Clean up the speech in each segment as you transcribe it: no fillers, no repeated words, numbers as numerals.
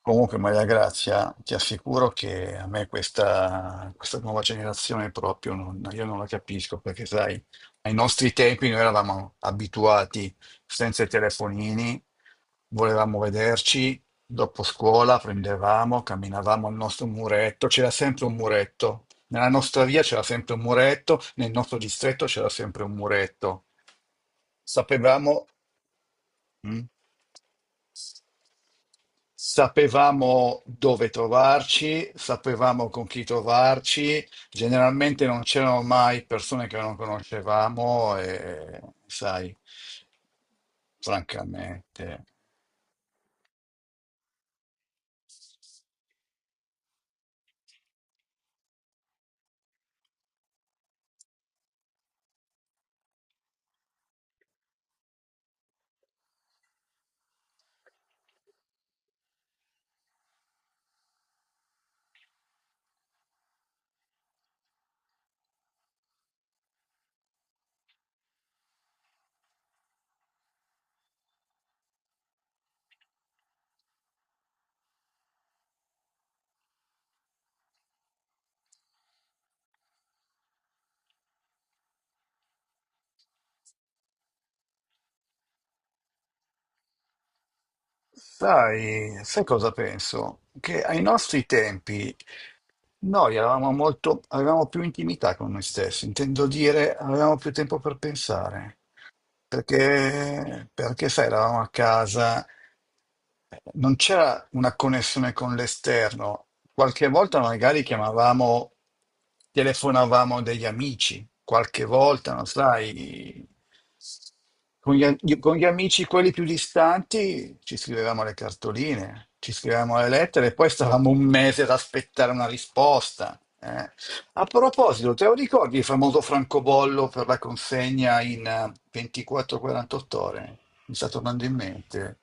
Comunque, Maria Grazia, ti assicuro che a me questa nuova generazione proprio non, io non la capisco, perché sai, ai nostri tempi noi eravamo abituati senza i telefonini, volevamo vederci, dopo scuola prendevamo, camminavamo al nostro muretto, c'era sempre un muretto, nella nostra via c'era sempre un muretto, nel nostro distretto c'era sempre un muretto. Sapevamo. Mm? Sapevamo dove trovarci, sapevamo con chi trovarci, generalmente non c'erano mai persone che non conoscevamo e, sai, francamente, sai cosa penso? Che ai nostri tempi noi eravamo molto, avevamo più intimità con noi stessi, intendo dire, avevamo più tempo per pensare. Perché sai, eravamo a casa, non c'era una connessione con l'esterno. Qualche volta magari chiamavamo, telefonavamo degli amici, qualche volta, non sai, con gli amici quelli più distanti ci scrivevamo le cartoline, ci scrivevamo le lettere e poi stavamo un mese ad aspettare una risposta. Eh. A proposito, te lo ricordi il famoso francobollo per la consegna in 24-48 ore? Mi sta tornando in mente.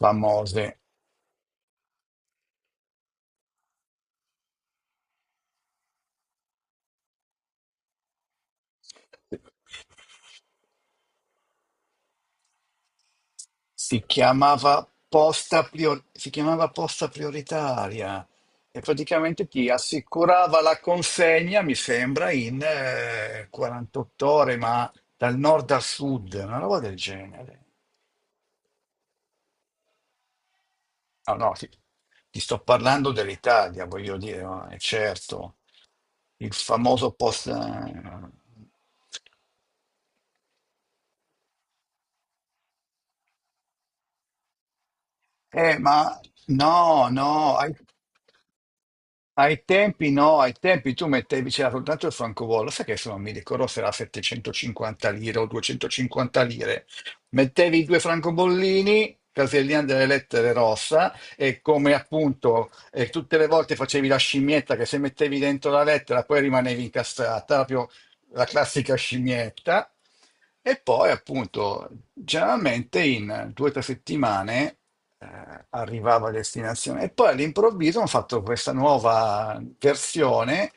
Famose. Si chiamava posta prioritaria e praticamente ti assicurava la consegna, mi sembra, in 48 ore, ma dal nord al sud, una roba del genere. No, no, ti sto parlando dell'Italia, voglio dire, ma è certo, il famoso post. Eh, ma no, no, ai tempi no, ai tempi tu mettevi, c'era soltanto il francobollo, sai che se non mi ricordo se era 750 lire o 250 lire, mettevi i due francobollini, casellina delle lettere rossa, e come appunto tutte le volte facevi la scimmietta che se mettevi dentro la lettera poi rimanevi incastrata, proprio la classica scimmietta, e poi appunto generalmente in 2 o 3 settimane arrivava a destinazione. E poi all'improvviso hanno fatto questa nuova versione,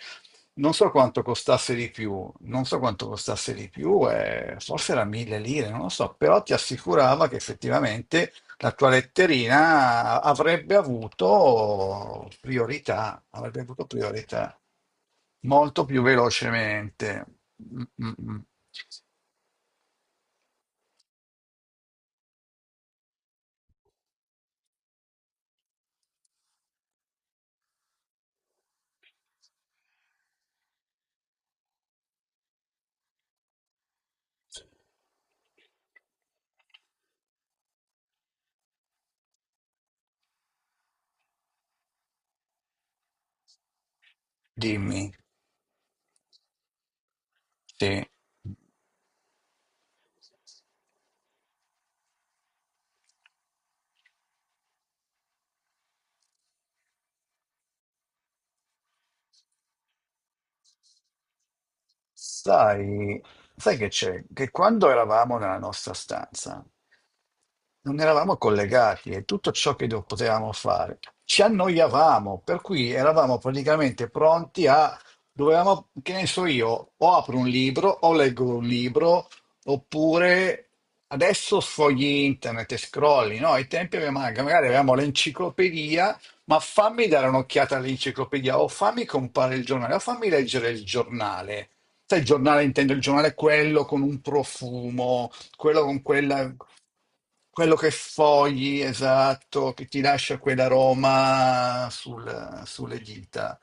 non so quanto costasse di più, non so quanto costasse di più, forse era mille lire, non lo so, però ti assicurava che effettivamente la tua letterina avrebbe avuto priorità, avrebbe avuto priorità. Molto più velocemente. Mm, mm, mm. Dimmi, sì. Sai, sai che c'è? Che quando eravamo nella nostra stanza non eravamo collegati e tutto ciò che potevamo fare ci annoiavamo, per cui eravamo praticamente pronti a, dovevamo, che ne so io, o apro un libro o leggo un libro, oppure adesso sfogli internet e scrolli, no? Magari avevamo l'enciclopedia ma fammi dare un'occhiata all'enciclopedia, o fammi compare il giornale, o fammi leggere il giornale. Sai, il giornale intendo il giornale quello con un profumo, quello con quella, quello che fogli, esatto, che ti lascia quell'aroma sulle dita.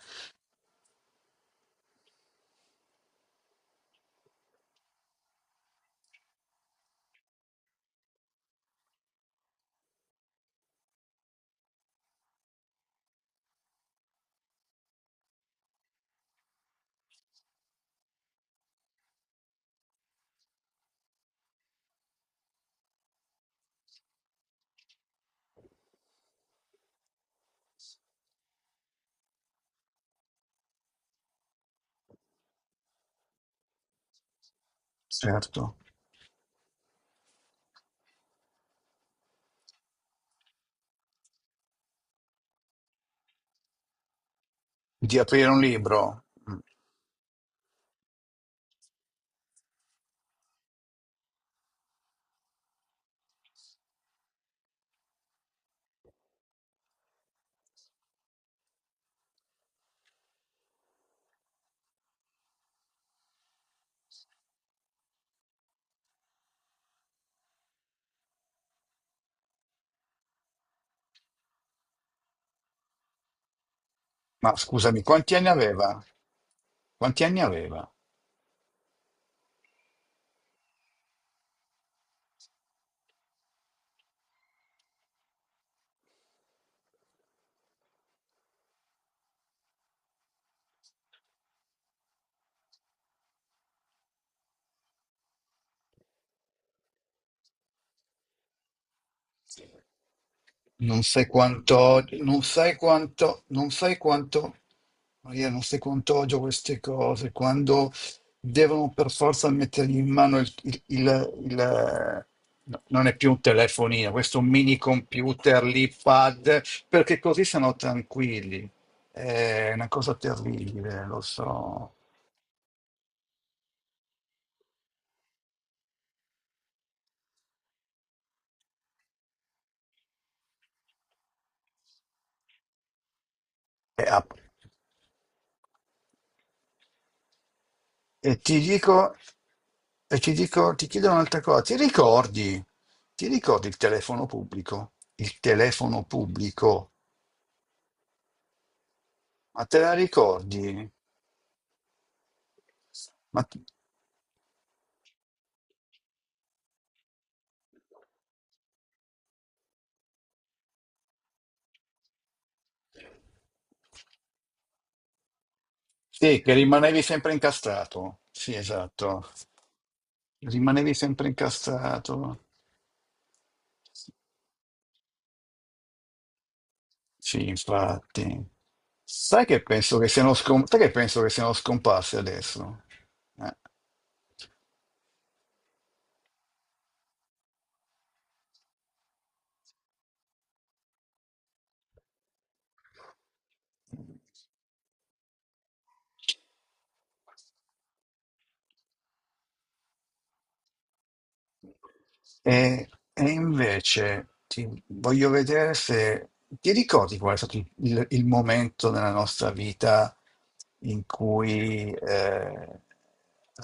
Certo. Di aprire un libro. Mm. Ma scusami, quanti anni aveva? Quanti anni aveva? Non sai quanto odio, non sai quanto, non sai quanto, Maria, non sai quanto odio queste cose, quando devono per forza mettergli in mano no, non è più un telefonino, questo mini computer, l'iPad, perché così sono tranquilli. È una cosa terribile, lo so. È app. E ti dico, e ti dico, ti chiedo un'altra cosa, ti ricordi il telefono pubblico? Il telefono pubblico, ma te la ricordi? Ma t- sì, che rimanevi sempre incastrato. Sì, esatto. Rimanevi sempre incastrato. Sì, infatti. Sai che penso che siano scomparse adesso? Eh. E, e invece ti voglio vedere se ti ricordi qual è stato il momento nella nostra vita in cui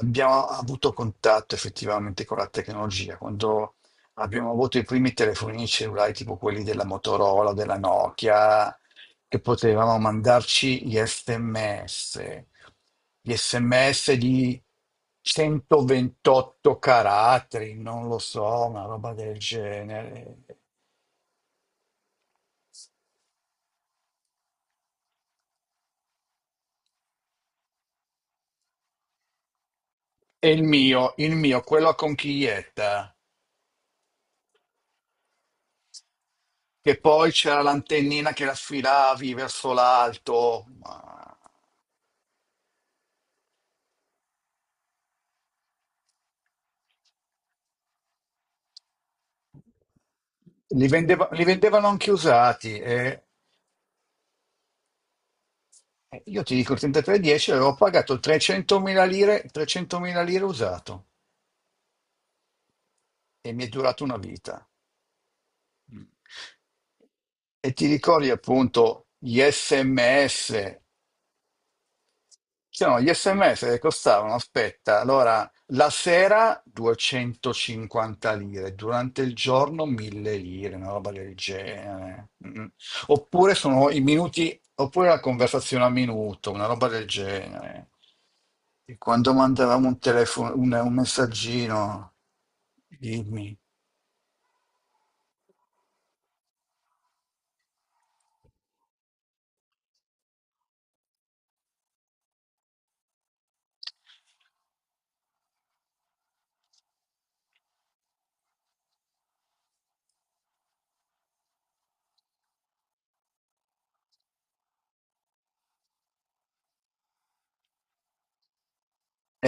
abbiamo avuto contatto effettivamente con la tecnologia, quando abbiamo avuto i primi telefonini cellulari tipo quelli della Motorola, della Nokia, che potevamo mandarci gli sms di 128 caratteri, non lo so, una roba del genere. E il mio, quello a conchiglietta, che poi c'era l'antennina che la sfilavi verso l'alto. Li vendevano anche usati. E io ti dico, il 3310 avevo pagato 300.000 lire, 300.000 lire usato. E mi è durato una vita. Mm. E ti ricordi appunto gli SMS? C'erano gli SMS che costavano, aspetta, allora la sera 250 lire, durante il giorno 1000 lire, una roba del genere. Mm. Oppure sono i minuti, oppure la conversazione a minuto, una roba del genere. E quando mandavamo un telefono, un messaggino, dimmi.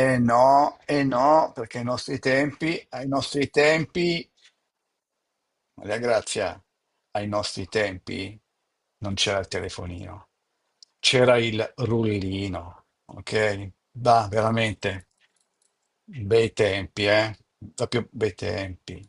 No, eh no, perché ai nostri tempi, Maria Grazia, ai nostri tempi non c'era il telefonino, c'era il rullino, ok? Bah, veramente, bei tempi, eh? Proprio bei tempi.